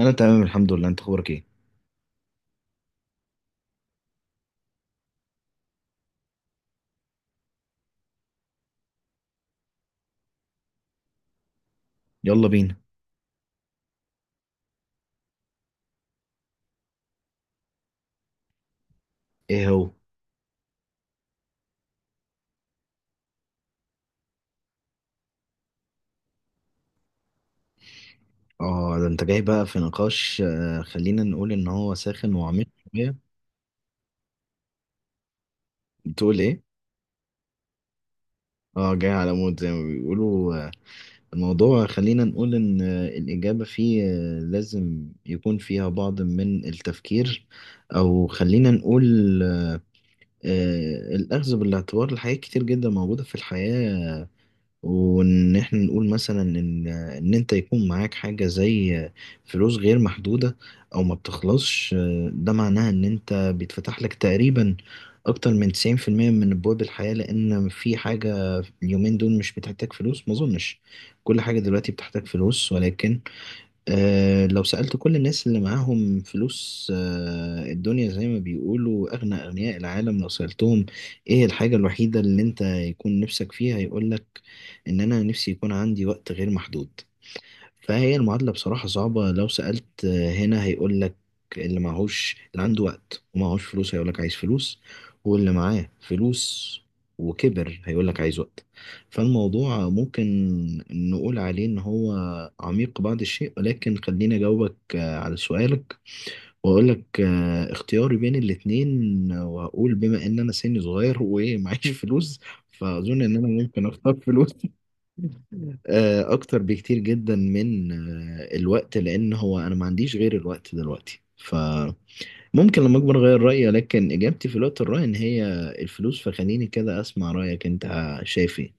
انا تمام الحمد لله. انت اخبارك ايه؟ يلا بينا. ايه هو؟ اه ده انت جاي بقى في نقاش. خلينا نقول ان هو ساخن وعميق شويه. بتقول ايه؟ اه جاي على مود زي ما بيقولوا. الموضوع خلينا نقول ان الاجابه فيه لازم يكون فيها بعض من التفكير، او خلينا نقول الاخذ بالاعتبار لحاجات كتير جدا موجوده في الحياه. وان احنا نقول مثلا ان انت يكون معاك حاجة زي فلوس غير محدودة او ما بتخلصش، ده معناها ان انت بيتفتح لك تقريبا اكتر من 90% من ابواب الحياة، لان في حاجة اليومين دول مش بتحتاج فلوس، ما اظنش كل حاجة دلوقتي بتحتاج فلوس، ولكن لو سألت كل الناس اللي معاهم فلوس، الدنيا زي ما بيقولوا أغنى أغنياء العالم، لو سألتهم إيه الحاجة الوحيدة اللي أنت يكون نفسك فيها، يقولك إن أنا نفسي يكون عندي وقت غير محدود. فهي المعادلة بصراحة صعبة. لو سألت هنا هيقول لك، اللي معهوش، اللي عنده وقت ومعهوش فلوس هيقول لك عايز فلوس، واللي معاه فلوس وكبر هيقول لك عايز وقت. فالموضوع ممكن نقول عليه إن هو عميق بعض الشيء، ولكن خليني أجاوبك على سؤالك وأقول لك اختياري بين الاتنين. وهقول بما إن أنا سني صغير ومعيش فلوس، فأظن إن أنا ممكن أختار فلوس اكتر بكتير جدا من الوقت، لان هو انا ما عنديش غير الوقت دلوقتي، فممكن لما اكبر اغير رايي، لكن اجابتي في الوقت الراهن هي الفلوس. فخليني كده اسمع رايك انت، شايف ايه؟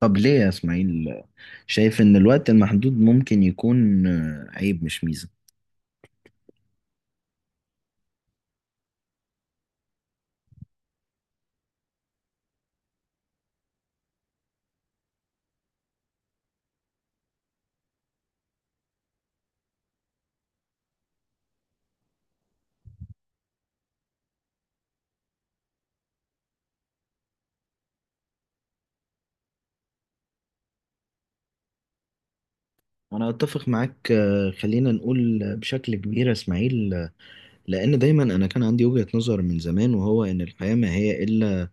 طب ليه يا اسماعيل شايف ان الوقت المحدود ممكن يكون عيب مش ميزة؟ انا اتفق معاك خلينا نقول بشكل كبير يا اسماعيل، لان دايما انا كان عندي وجهة نظر من زمان، وهو ان الحياة ما هي الا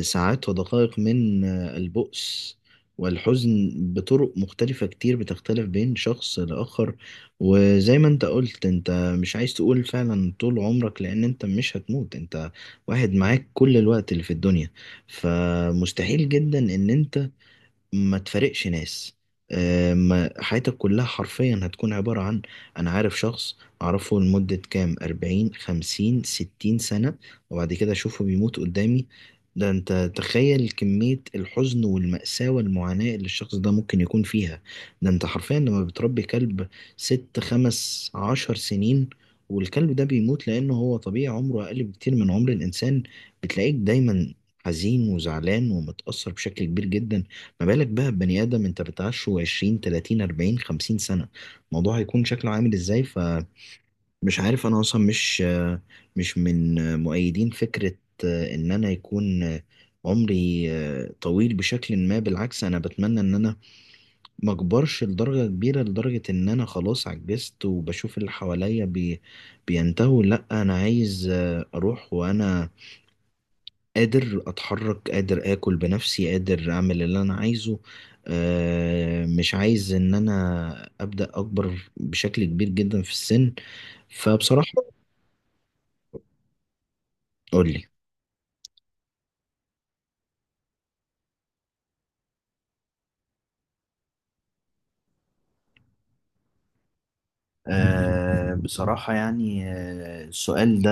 ساعات ودقائق من البؤس والحزن بطرق مختلفة كتير بتختلف بين شخص لآخر. وزي ما انت قلت، انت مش عايز تقول فعلا طول عمرك، لأن انت مش هتموت، انت واحد معاك كل الوقت اللي في الدنيا، فمستحيل جدا ان انت ما تفارقش ناس. ما حياتك كلها حرفيا هتكون عبارة عن، أنا عارف شخص أعرفه لمدة كام 40 50 60 سنة وبعد كده أشوفه بيموت قدامي. ده أنت تخيل كمية الحزن والمأساة والمعاناة اللي الشخص ده ممكن يكون فيها. ده أنت حرفيا لما بتربي كلب ست 15 سنين والكلب ده بيموت لأنه هو طبيعي عمره أقل بكتير من عمر الإنسان، بتلاقيك دايما حزين وزعلان ومتأثر بشكل كبير جدا. ما بالك بقى ببني آدم أنت بتعشه 20 30 40 50 سنة، الموضوع هيكون شكله عامل إزاي؟ فمش عارف، أنا أصلا مش من مؤيدين فكرة إن أنا يكون عمري طويل بشكل ما. بالعكس، أنا بتمنى إن أنا ما أكبرش لدرجة كبيرة، لدرجة إن أنا خلاص عجزت وبشوف اللي حواليا بي بينتهوا. لأ، أنا عايز أروح وأنا قادر اتحرك، قادر اكل بنفسي، قادر اعمل اللي انا عايزه. مش عايز ان انا ابدا اكبر بشكل كبير جدا في السن. فبصراحة قولي. بصراحة يعني السؤال ده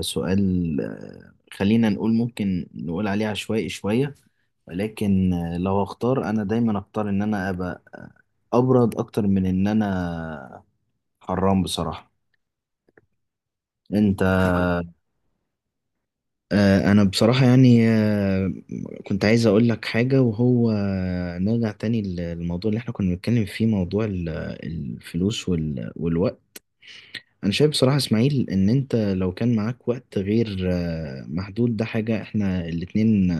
سؤال خلينا نقول ممكن نقول عليه عشوائي شوية، ولكن لو اختار انا دايما اختار ان انا ابقى ابرد اكتر من ان انا حرام بصراحة. انت؟ انا بصراحة يعني كنت عايز اقول لك حاجة، وهو نرجع تاني للموضوع اللي احنا كنا بنتكلم فيه، موضوع الفلوس والوقت. انا شايف بصراحة اسماعيل ان انت لو كان معاك وقت غير محدود، ده حاجة احنا الاتنين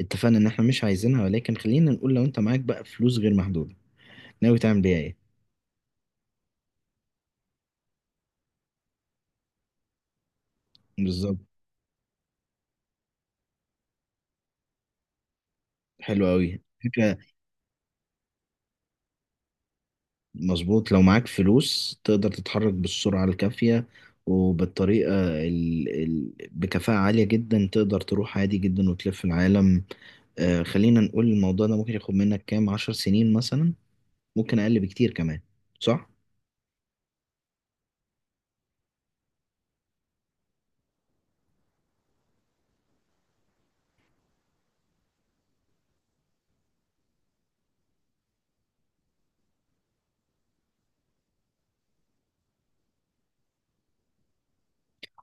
اتفقنا ان احنا مش عايزينها، ولكن خلينا نقول لو انت معاك بقى فلوس غير محدودة، ناوي تعمل بيها ايه؟ بالظبط. حلو قوي. مظبوط، لو معاك فلوس تقدر تتحرك بالسرعة الكافية وبالطريقة بكفاءة عالية جدا، تقدر تروح عادي جدا وتلف العالم. خلينا نقول الموضوع ده ممكن ياخد منك كام 10 سنين مثلا، ممكن أقل بكتير كمان، صح؟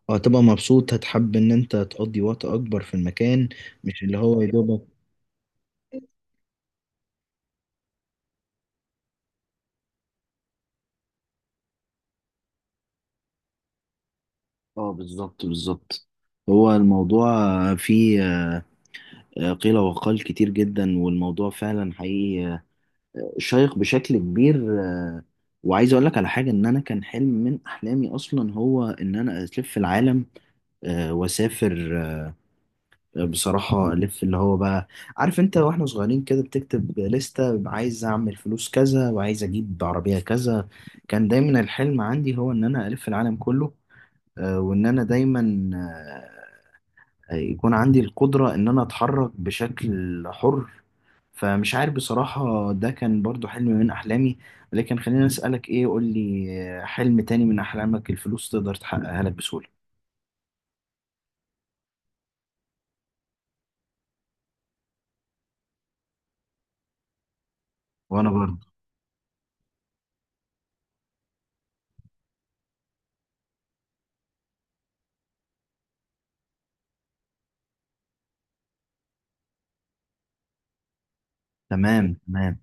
وهتبقى مبسوط، هتحب إن أنت تقضي وقت أكبر في المكان. مش اللي هو يا دوبك. اه بالظبط بالظبط. هو الموضوع فيه قيل وقال كتير جدا، والموضوع فعلا حقيقي شيق بشكل كبير. وعايز اقول لك على حاجه، ان انا كان حلم من احلامي اصلا هو ان انا الف العالم واسافر. بصراحه الف اللي هو بقى، عارف انت واحنا صغيرين كده بتكتب لستة عايز اعمل فلوس كذا وعايز اجيب عربيه كذا، كان دايما الحلم عندي هو ان انا الف العالم كله. وان انا دايما يكون عندي القدرة إن أنا أتحرك بشكل حر. فمش عارف بصراحة، ده كان برضو حلم من أحلامي. لكن خلينا أسألك إيه، قول لي حلم تاني من أحلامك الفلوس تقدر تحققها لك بسهولة. وأنا برضو. تمام تمام.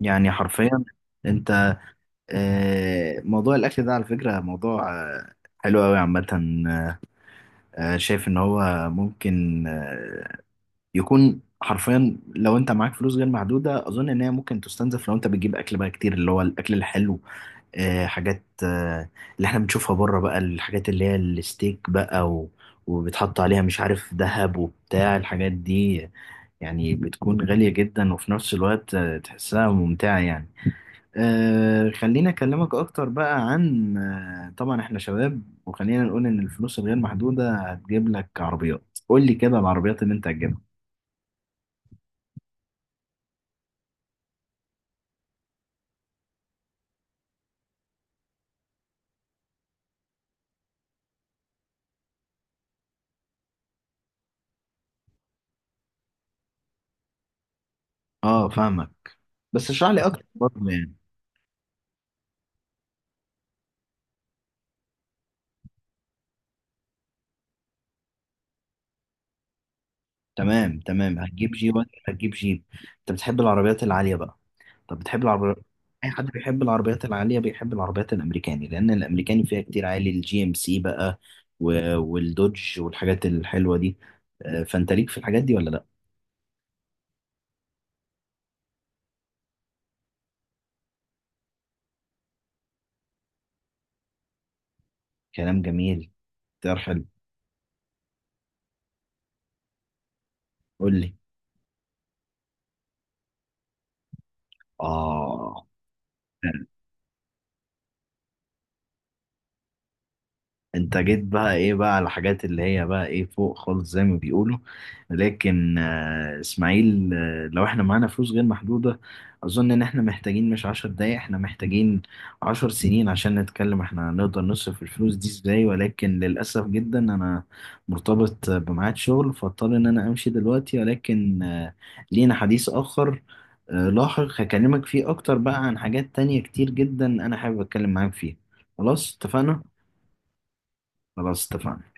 يعني حرفيا أنت. موضوع الأكل ده على فكرة موضوع حلو أوي عامة. شايف إن هو ممكن يكون حرفيا لو انت معاك فلوس غير محدوده، اظن ان هي ممكن تستنزف لو انت بتجيب اكل بقى كتير، اللي هو الاكل الحلو. حاجات اللي احنا بنشوفها بره بقى، الحاجات اللي هي الستيك بقى وبتحط عليها مش عارف ذهب وبتاع الحاجات دي، يعني بتكون غالية جدا وفي نفس الوقت تحسها ممتعة يعني. أه خليني أكلمك أكتر بقى عن طبعا احنا شباب وخلينا نقول إن الفلوس الغير محدودة هتجيب لك عربيات، قول لي كده العربيات اللي أنت هتجيبها. اه فاهمك، بس اشرح لي أكتر برضه يعني. تمام تمام، هتجيب جيب ولا هتجيب جيب؟ أنت بتحب العربيات العالية بقى؟ طب بتحب العربيات؟ اي حد بيحب العربيات العاليه بيحب العربيات الامريكاني، لان الامريكاني فيها كتير عالي، الجي ام سي بقى والدوج والحاجات الحلوه دي. فانت ليك في الحاجات دي ولا لا؟ كلام جميل. اختيار حلو. قول لي. اه انت جيت بقى ايه بقى على الحاجات اللي هي بقى ايه فوق خالص زي ما بيقولوا. لكن اسماعيل، لو احنا معانا فلوس غير محدودة، اظن ان احنا محتاجين مش 10 دقايق، احنا محتاجين 10 سنين عشان نتكلم احنا هنقدر نصرف الفلوس دي ازاي. ولكن للأسف جدا انا مرتبط بميعاد شغل، فاضطر ان انا امشي دلوقتي. ولكن لينا حديث اخر لاحق هكلمك فيه اكتر بقى عن حاجات تانية كتير جدا انا حابب اتكلم معاك فيها. خلاص اتفقنا؟ خلاص اتفقنا.